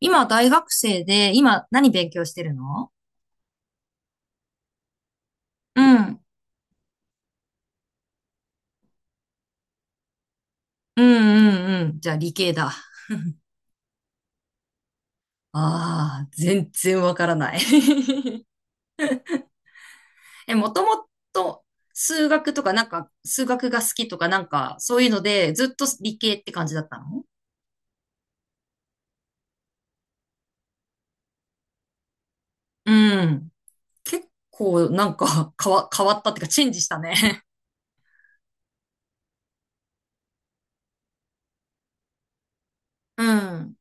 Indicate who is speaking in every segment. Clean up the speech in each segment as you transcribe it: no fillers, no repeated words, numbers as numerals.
Speaker 1: 今は大学生で、今何勉強してるの？うん。うんうんうん。じゃあ理系だ。ああ、全然わからない。 え、もともと数学とかなんか、数学が好きとかなんか、そういうので、ずっと理系って感じだったの？うん。結構なんか変わったっていうか、チェンジしたね。 うん。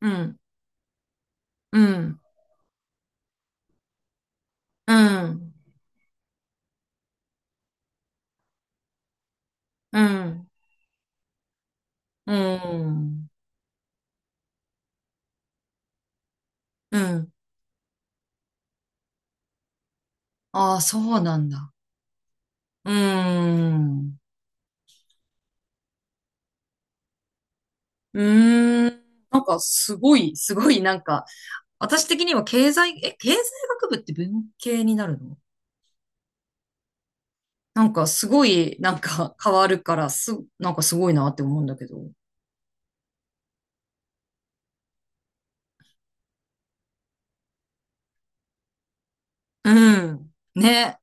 Speaker 1: うん。うん。うん。うん。うん。うん。ああ、そうなんだ。うーん。うーん。なんか、すごい、なんか、私的には経済学部って文系になるの？なんか、すごい、なんか、変わるから、なんかすごいなって思うんだけど。うん。ね。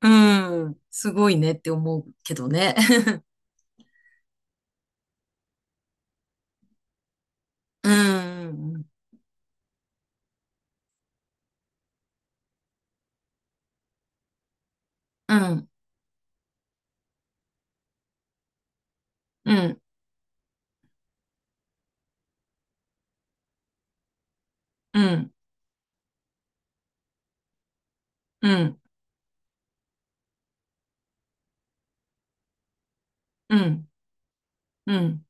Speaker 1: うん。すごいねって思うけどね。うん。うん、うん、うん、うん、うん、うん。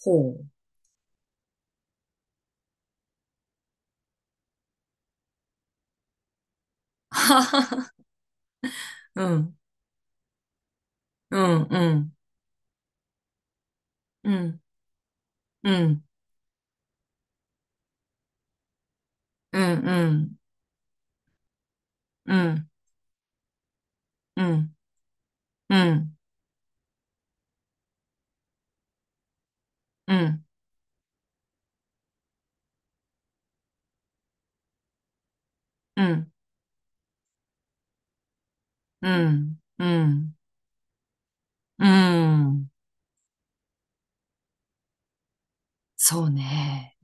Speaker 1: ほう。ははは。うん、うん、うん、うん、うん、うん、うん、うん、うん、うん、うん。うん、うん、うん、うん。そうね。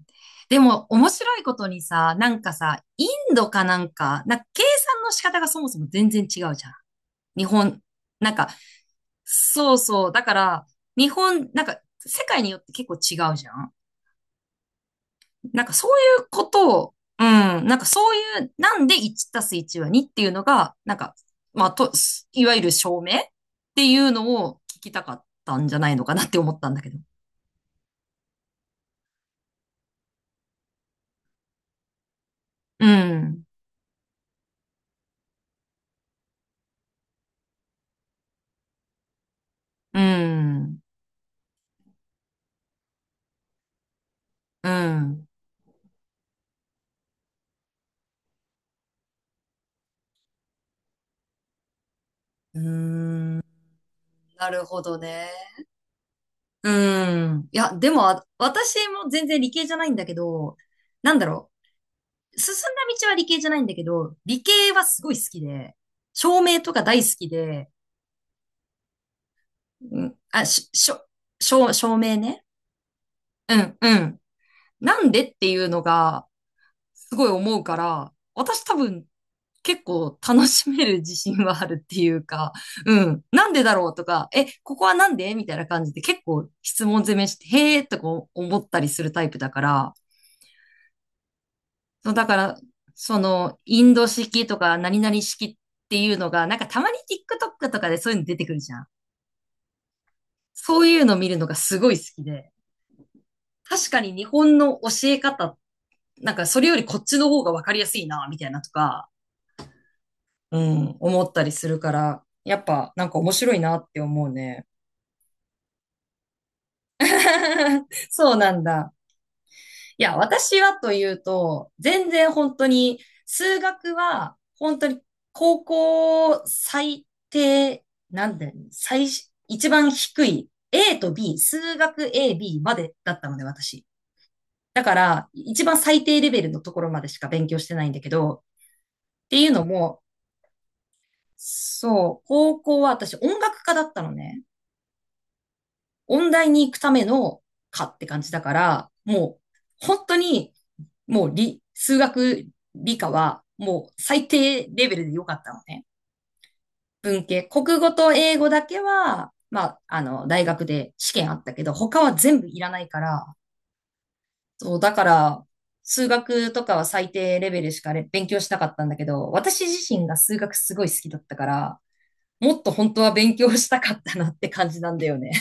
Speaker 1: でも、面白いことにさ、なんかさ、インドかなんか、なんか計算の仕方がそもそも全然違うじゃん。日本、なんか、そうそう。だから、日本、なんか、世界によって結構違うじゃん。なんかそういうことを、うん、なんかそういう、なんで1たす1は2っていうのが、なんか、まあ、と、いわゆる証明っていうのを聞きたかったんじゃないのかなって思ったんだけど。うん。うん。うん。うーん、なるほどね。うーん。いや、でも、あ私も全然理系じゃないんだけど、なんだろう。進んだ道は理系じゃないんだけど、理系はすごい好きで、照明とか大好きで、うん、あ、し、しょ、照、照明ね。うん、うん。なんでっていうのが、すごい思うから、私多分結構楽しめる自信はあるっていうか、うん、なんでだろうとか、ここはなんでみたいな感じで結構質問攻めして、へーとか思ったりするタイプだから、そうだから、その、インド式とか何々式っていうのが、なんかたまに TikTok とかでそういうの出てくるじゃん。そういうの見るのがすごい好きで、確かに日本の教え方、なんかそれよりこっちの方がわかりやすいな、みたいなとか、うん、思ったりするから、やっぱなんか面白いなって思うね。そうなんだ。いや、私はというと、全然本当に、数学は本当に高校最低、なんだよね。一番低い A と B、数学 A、B までだったので、私。だから、一番最低レベルのところまでしか勉強してないんだけど、っていうのも、そう、高校は私音楽科だったのね。音大に行くための科って感じだから、もう本当にもう数学理科はもう最低レベルで良かったのね。文系、国語と英語だけは、まあ、あの、大学で試験あったけど、他は全部いらないから、そう、だから、数学とかは最低レベルしか勉強したかったんだけど、私自身が数学すごい好きだったから、もっと本当は勉強したかったなって感じなんだよね。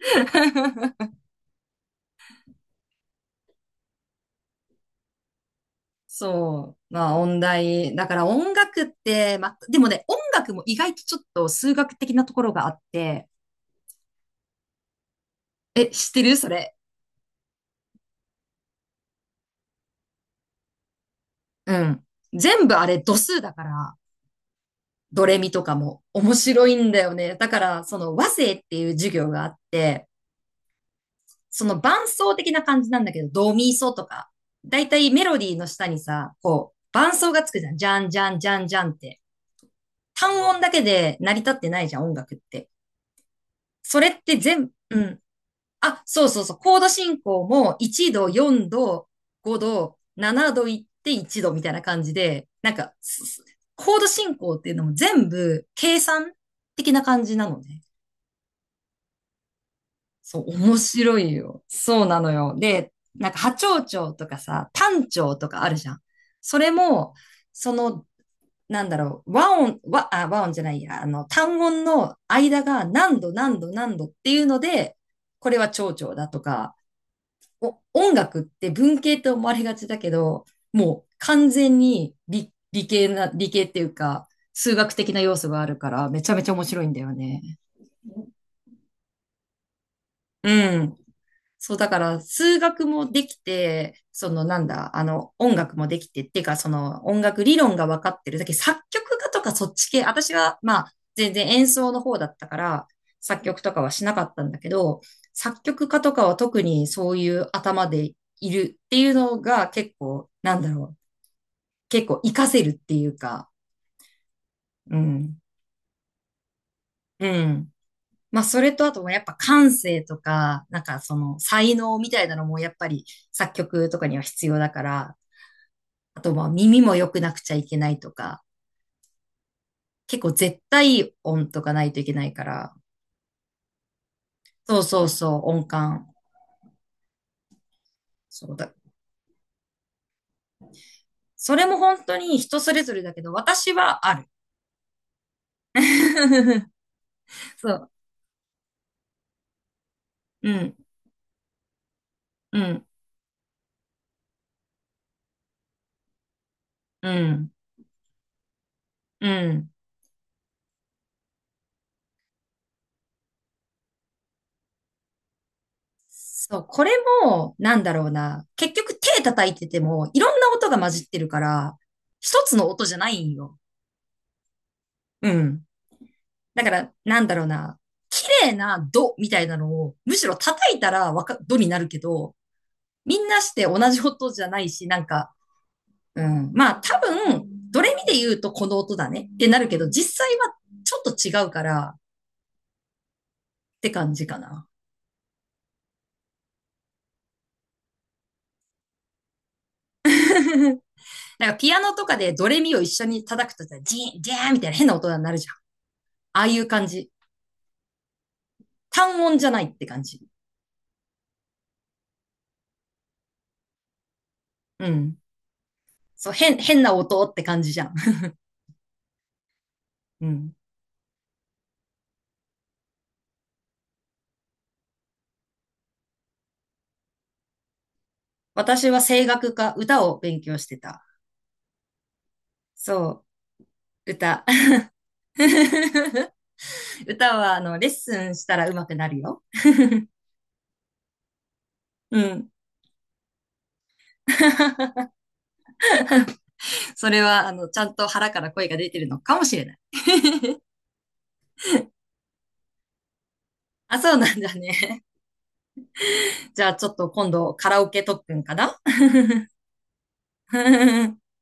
Speaker 1: そう。まあ、音大。だから音楽って、まあ、でもね、音楽も意外とちょっと数学的なところがあって、え、知ってるそれ？うん。全部あれ度数だから、ドレミとかも面白いんだよね。だから、その和声っていう授業があって、その伴奏的な感じなんだけど、ドミソとか。だいたいメロディーの下にさ、こう、伴奏がつくじゃん。じゃんじゃんじゃんじゃんって。単音だけで成り立ってないじゃん、音楽って。それって全、うん、あ、そうそうそう。コード進行も1度、4度、5度、7度行って1度みたいな感じで、なんか、コード進行っていうのも全部計算的な感じなのね。そう、面白いよ。そうなのよ。で、なんか波長長とかさ、単長とかあるじゃん。それも、その、なんだろう、和音じゃないや、あの、単音の間が何度何度何度っていうので、これは長調だとか、音楽って文系と思われがちだけど、もう完全に理系っていうか、数学的な要素があるから、めちゃめちゃ面白いんだよね。うん。そう、だから、数学もできて、その、なんだ、あの、音楽もできて、っていうか、その、音楽理論が分かってる。だけど作曲家とかそっち系、私は、まあ、全然演奏の方だったから、作曲とかはしなかったんだけど、作曲家とかは特にそういう頭でいるっていうのが結構、なんだろう、結構活かせるっていうか、うん、うん。まあ、それとあとはやっぱ感性とか、なんかその才能みたいなのもやっぱり作曲とかには必要だから、あとまあ耳も良くなくちゃいけないとか、結構絶対音とかないといけないから、そうそうそう、音感。そうだ。それも本当に人それぞれだけど、私はある。そう。うん、うん、うん、うん。そう、これも、なんだろうな。結局手叩いてても、いろんな音が混じってるから、一つの音じゃないんよ。うん。だから、なんだろうな。綺麗なドみたいなのを、むしろ叩いたらドになるけど、みんなして同じ音じゃないし、なんか、うん。まあ多分、ドレミで言うとこの音だねってなるけど、実際はちょっと違うからって感じかな。なんかピアノとかでドレミを一緒に叩くとさ、ジーン、ジャーンみたいな変な音になるじゃん。ああいう感じ。単音じゃないって感じ。うん。そう、変な音って感じじゃん。うん。私は声楽か歌を勉強してた。そう、歌。歌は、あの、レッスンしたら上手くなるよ。うん。それは、あの、ちゃんと腹から声が出てるのかもしれない。あ、そうなんだね。じゃあちょっと今度カラオケ特訓かな？